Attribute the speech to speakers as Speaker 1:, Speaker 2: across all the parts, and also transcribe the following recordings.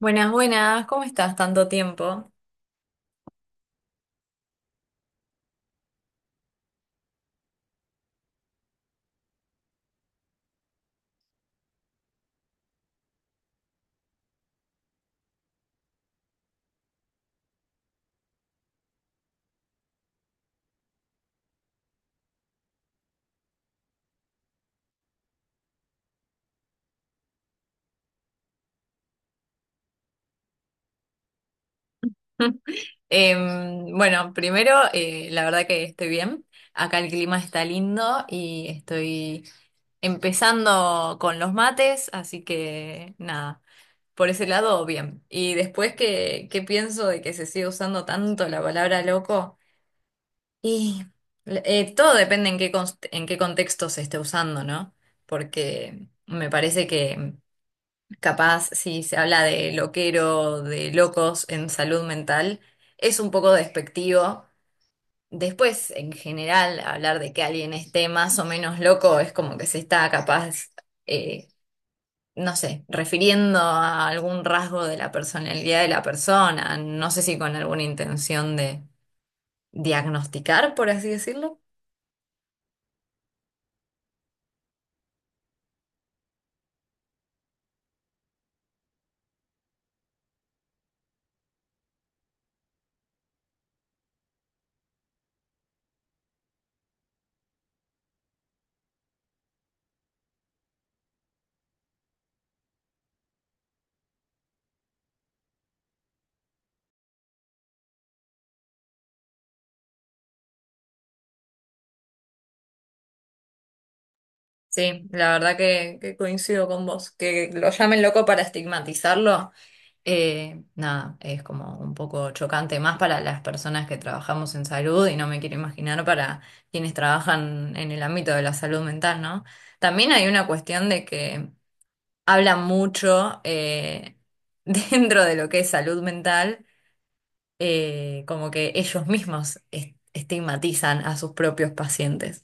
Speaker 1: Buenas, buenas, ¿cómo estás? Tanto tiempo. La verdad que estoy bien. Acá el clima está lindo y estoy empezando con los mates, así que nada, por ese lado, bien. Y después, ¿qué pienso de que se sigue usando tanto la palabra loco? Y Todo depende en en qué contexto se esté usando, ¿no? Porque me parece que capaz si se habla de loquero, de locos en salud mental, es un poco despectivo. Después, en general, hablar de que alguien esté más o menos loco es como que se está capaz, eh, no sé, refiriendo a algún rasgo de la personalidad de la persona, no sé si con alguna intención de diagnosticar, por así decirlo. Sí, la verdad que coincido con vos. Que lo llamen loco para estigmatizarlo, nada, es como un poco chocante más para las personas que trabajamos en salud y no me quiero imaginar para quienes trabajan en el ámbito de la salud mental, ¿no? También hay una cuestión de que habla mucho dentro de lo que es salud mental, como que ellos mismos estigmatizan a sus propios pacientes.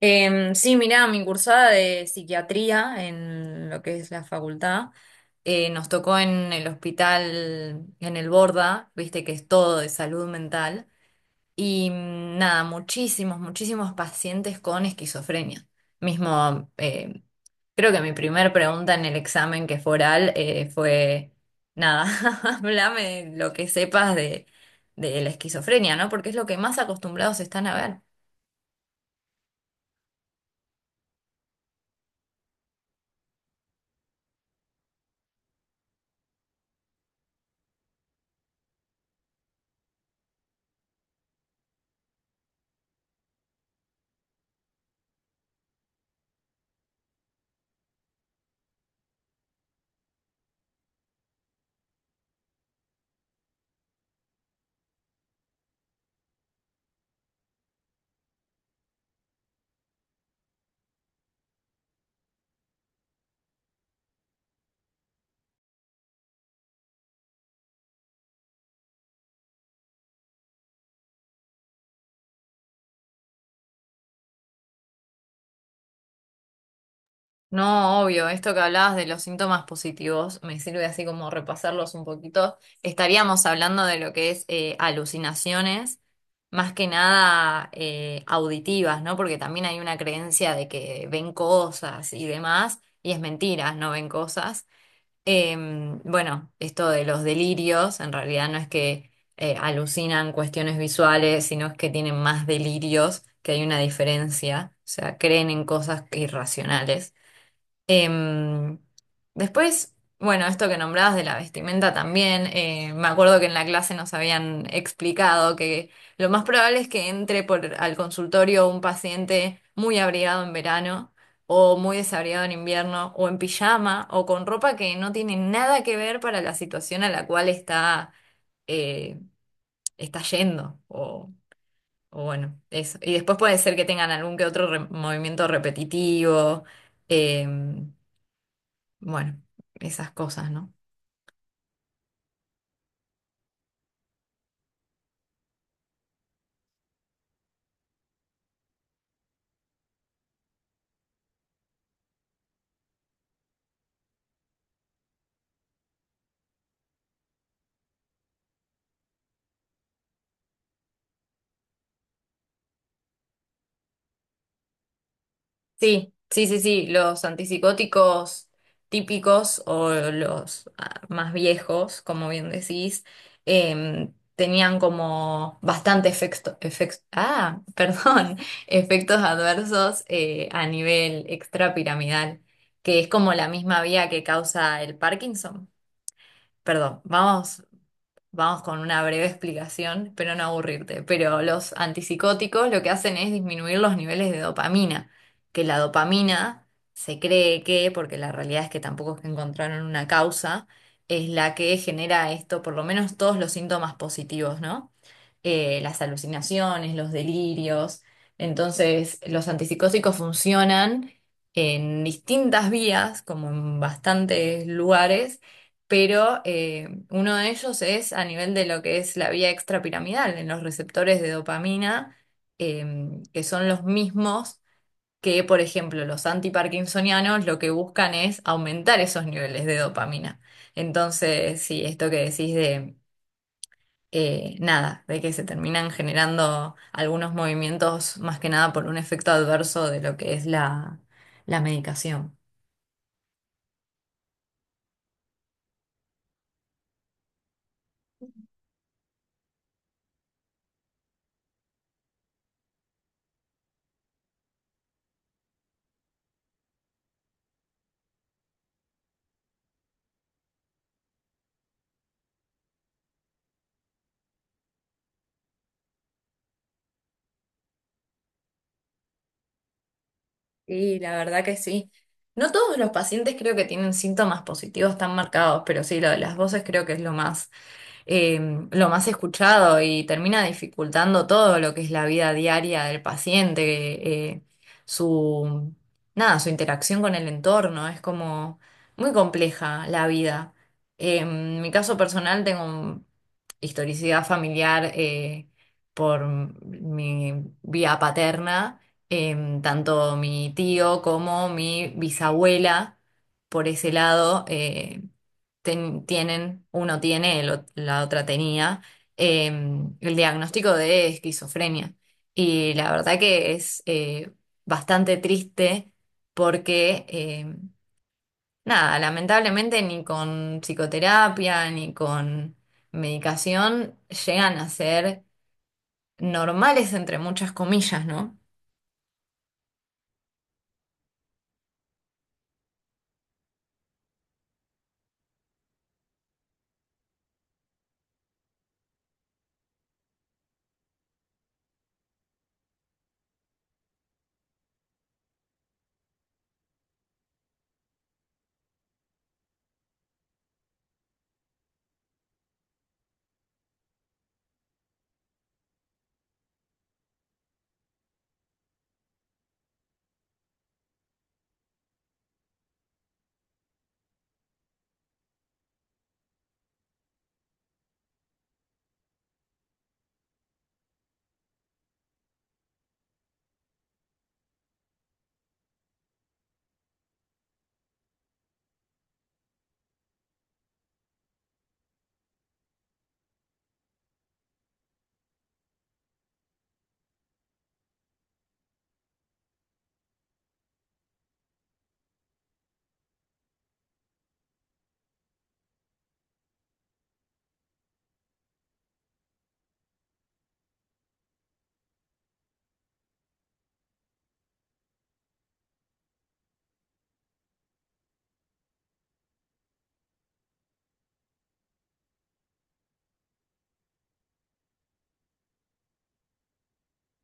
Speaker 1: Em, sí, mirá, mi cursada de psiquiatría en lo que es la facultad, nos tocó en el hospital, en el Borda, viste que es todo de salud mental, y mm, nada, muchísimos, muchísimos pacientes con esquizofrenia. Mismo, creo que mi primer pregunta en el examen que fue oral fue, nada, háblame lo que sepas de la esquizofrenia, ¿no? Porque es lo que más acostumbrados están a ver. No, obvio, esto que hablabas de los síntomas positivos me sirve así como repasarlos un poquito. Estaríamos hablando de lo que es alucinaciones, más que nada auditivas, ¿no? Porque también hay una creencia de que ven cosas y demás, y es mentira, no ven cosas. Em, bueno, esto de los delirios, en realidad no es que alucinan cuestiones visuales, sino es que tienen más delirios, que hay una diferencia, o sea, creen en cosas irracionales. Em, Después, bueno, esto que nombrabas de la vestimenta también, me acuerdo que en la clase nos habían explicado que lo más probable es que entre por, al consultorio un paciente muy abrigado en verano o muy desabrigado en invierno o en pijama o con ropa que no tiene nada que ver para la situación a la cual está, eh, está yendo o bueno, eso. Y después puede ser que tengan algún que otro movimiento repetitivo. em, bueno, esas cosas, ¿no? Sí, sí, sí, sí, los antipsicóticos típicos o los más viejos, como bien decís, em, tenían como bastante efecto perdón, efectos adversos a nivel extrapiramidal, que es como la misma vía que causa el Parkinson. Perdón, vamos Vamos con una breve explicación, pero no aburrirte. Pero los antipsicóticos lo que hacen es disminuir los niveles de dopamina, que la dopamina se cree que, porque la realidad es que tampoco es que encontraron una causa, es la que genera esto, por lo menos todos los síntomas positivos, ¿no? Las alucinaciones, los delirios. Entonces, los antipsicóticos funcionan en distintas vías, como en bastantes lugares pero uno de ellos es a nivel de lo que es la vía extrapiramidal, en los receptores de dopamina, em, que son los mismos que, por ejemplo, los antiparkinsonianos lo que buscan es aumentar esos niveles de dopamina. Entonces, sí, esto que decís de nada, de que se terminan generando algunos movimientos más que nada por un efecto adverso de lo que es la medicación. Sí, la verdad que sí. No todos los pacientes creo que tienen síntomas positivos tan marcados, pero sí, lo de las voces creo que es eh, lo más escuchado y termina dificultando todo lo que es la vida diaria del paciente, su, nada, su interacción con el entorno. Es como muy compleja la vida. En mi caso personal tengo historicidad familiar por mi vía paterna, em, tanto mi tío como mi bisabuela por ese lado. Tienen, uno tiene, la otra tenía, eh, el diagnóstico de esquizofrenia. Y la verdad que es bastante triste porque, nada, lamentablemente ni con psicoterapia ni con medicación llegan a ser normales entre muchas comillas, ¿no?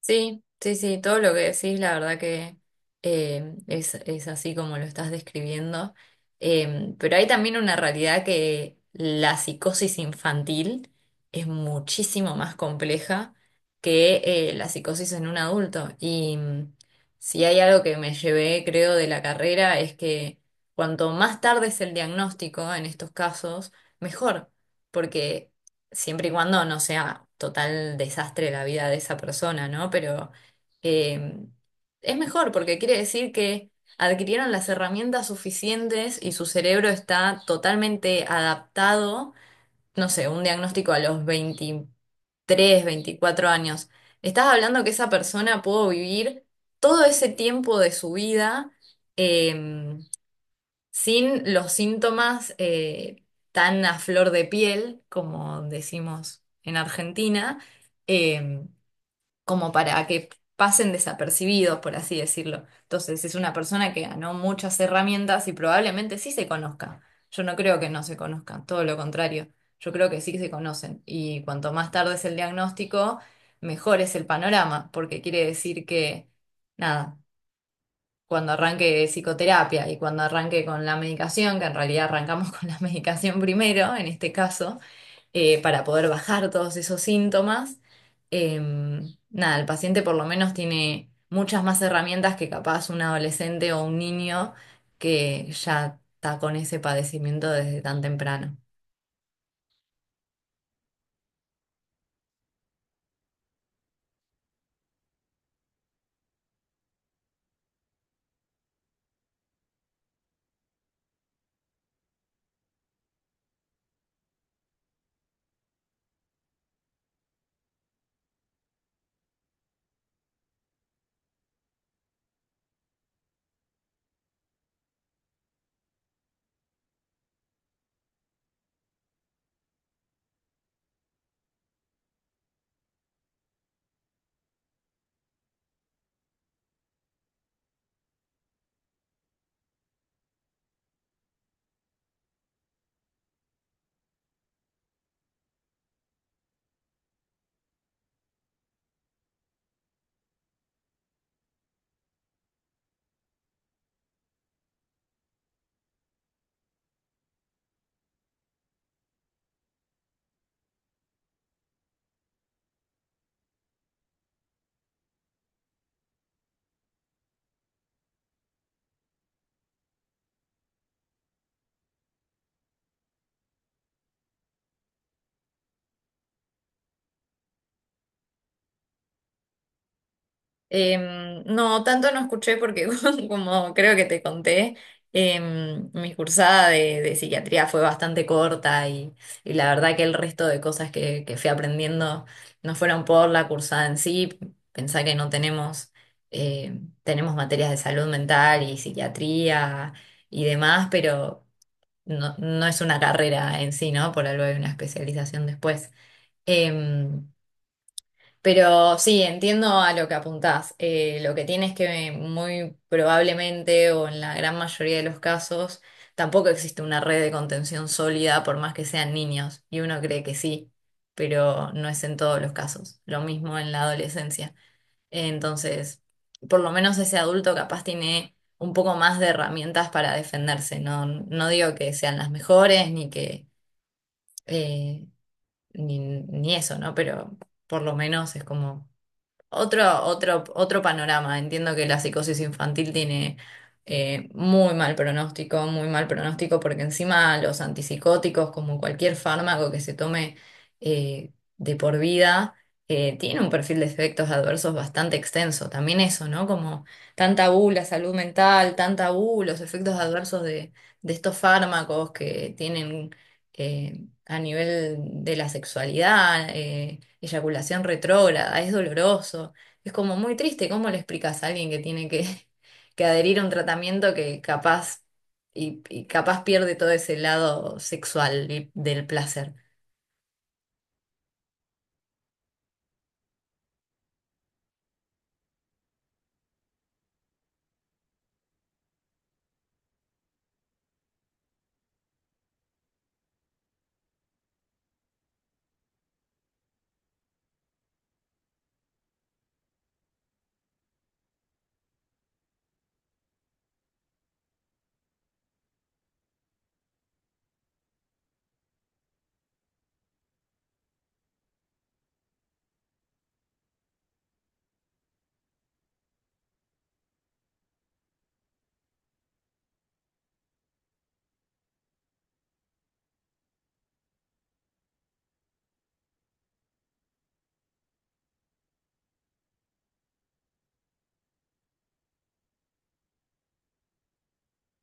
Speaker 1: Sí, sí, sí, todo lo que decís, la verdad que es así como lo estás describiendo. Pero hay también una realidad que la psicosis infantil es muchísimo más compleja que la psicosis en un adulto. Y mm, si hay algo que me llevé, creo, de la carrera es que cuanto más tarde es el diagnóstico en estos casos, mejor. Porque siempre y cuando no sea total desastre la vida de esa persona, ¿no? Pero eh, es mejor porque quiere decir que adquirieron las herramientas suficientes y su cerebro está totalmente adaptado, no sé, un diagnóstico a los 23 24 años. Estás hablando que esa persona pudo vivir todo ese tiempo de su vida. eh, Sin los síntomas tan a flor de piel, como decimos en Argentina, eh, como para que pasen desapercibidos, por así decirlo. Entonces, es una persona que ganó muchas herramientas y probablemente sí se conozca. Yo no creo que no se conozcan, todo lo contrario. Yo creo que sí se conocen. Y cuanto más tarde es el diagnóstico, mejor es el panorama, porque quiere decir que nada, cuando arranque psicoterapia y cuando arranque con la medicación, que en realidad arrancamos con la medicación primero, en este caso, para poder bajar todos esos síntomas, eh, nada, el paciente por lo menos tiene muchas más herramientas que capaz un adolescente o un niño que ya está con ese padecimiento desde tan temprano. Em, no, tanto no escuché porque como creo que te conté, em, mi cursada de psiquiatría fue bastante corta y la verdad que el resto de cosas que fui aprendiendo no fueron por la cursada en sí. Pensá que no tenemos, tenemos materias de salud mental y psiquiatría y demás, pero no, no es una carrera en sí, ¿no? Por algo hay una especialización después. Em, pero sí, entiendo a lo que apuntás. Lo que tienes que muy probablemente o en la gran mayoría de los casos tampoco existe una red de contención sólida por más que sean niños. Y uno cree que sí, pero no es en todos los casos. Lo mismo en la adolescencia. Entonces, por lo menos ese adulto capaz tiene un poco más de herramientas para defenderse. No, no digo que sean las mejores ni que eh, ni eso, ¿no? Pero por lo menos es como otro panorama. Entiendo que la psicosis infantil tiene muy mal pronóstico, porque encima los antipsicóticos, como cualquier fármaco que se tome eh, de por vida, tiene un perfil de efectos adversos bastante extenso. También eso, ¿no? Como tan tabú la salud mental, tan tabú los efectos adversos de estos fármacos que tienen. eh, a nivel de la sexualidad, eyaculación retrógrada, es doloroso, es como muy triste. ¿Cómo le explicas a alguien que tiene que, que adherir a un tratamiento que capaz y capaz pierde todo ese lado sexual y del placer?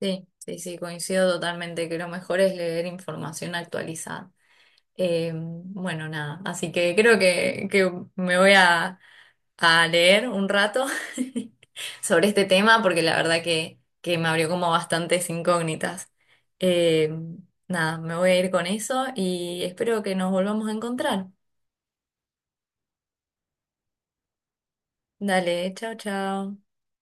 Speaker 1: Sí, sí, sí, coincido totalmente que lo mejor es leer información actualizada. Bueno, nada, así que creo que me voy a leer un rato sobre este tema porque la verdad que me abrió como bastantes incógnitas. Eh, nada, me voy a ir con eso y espero que nos volvamos a encontrar. Dale, chao, chao.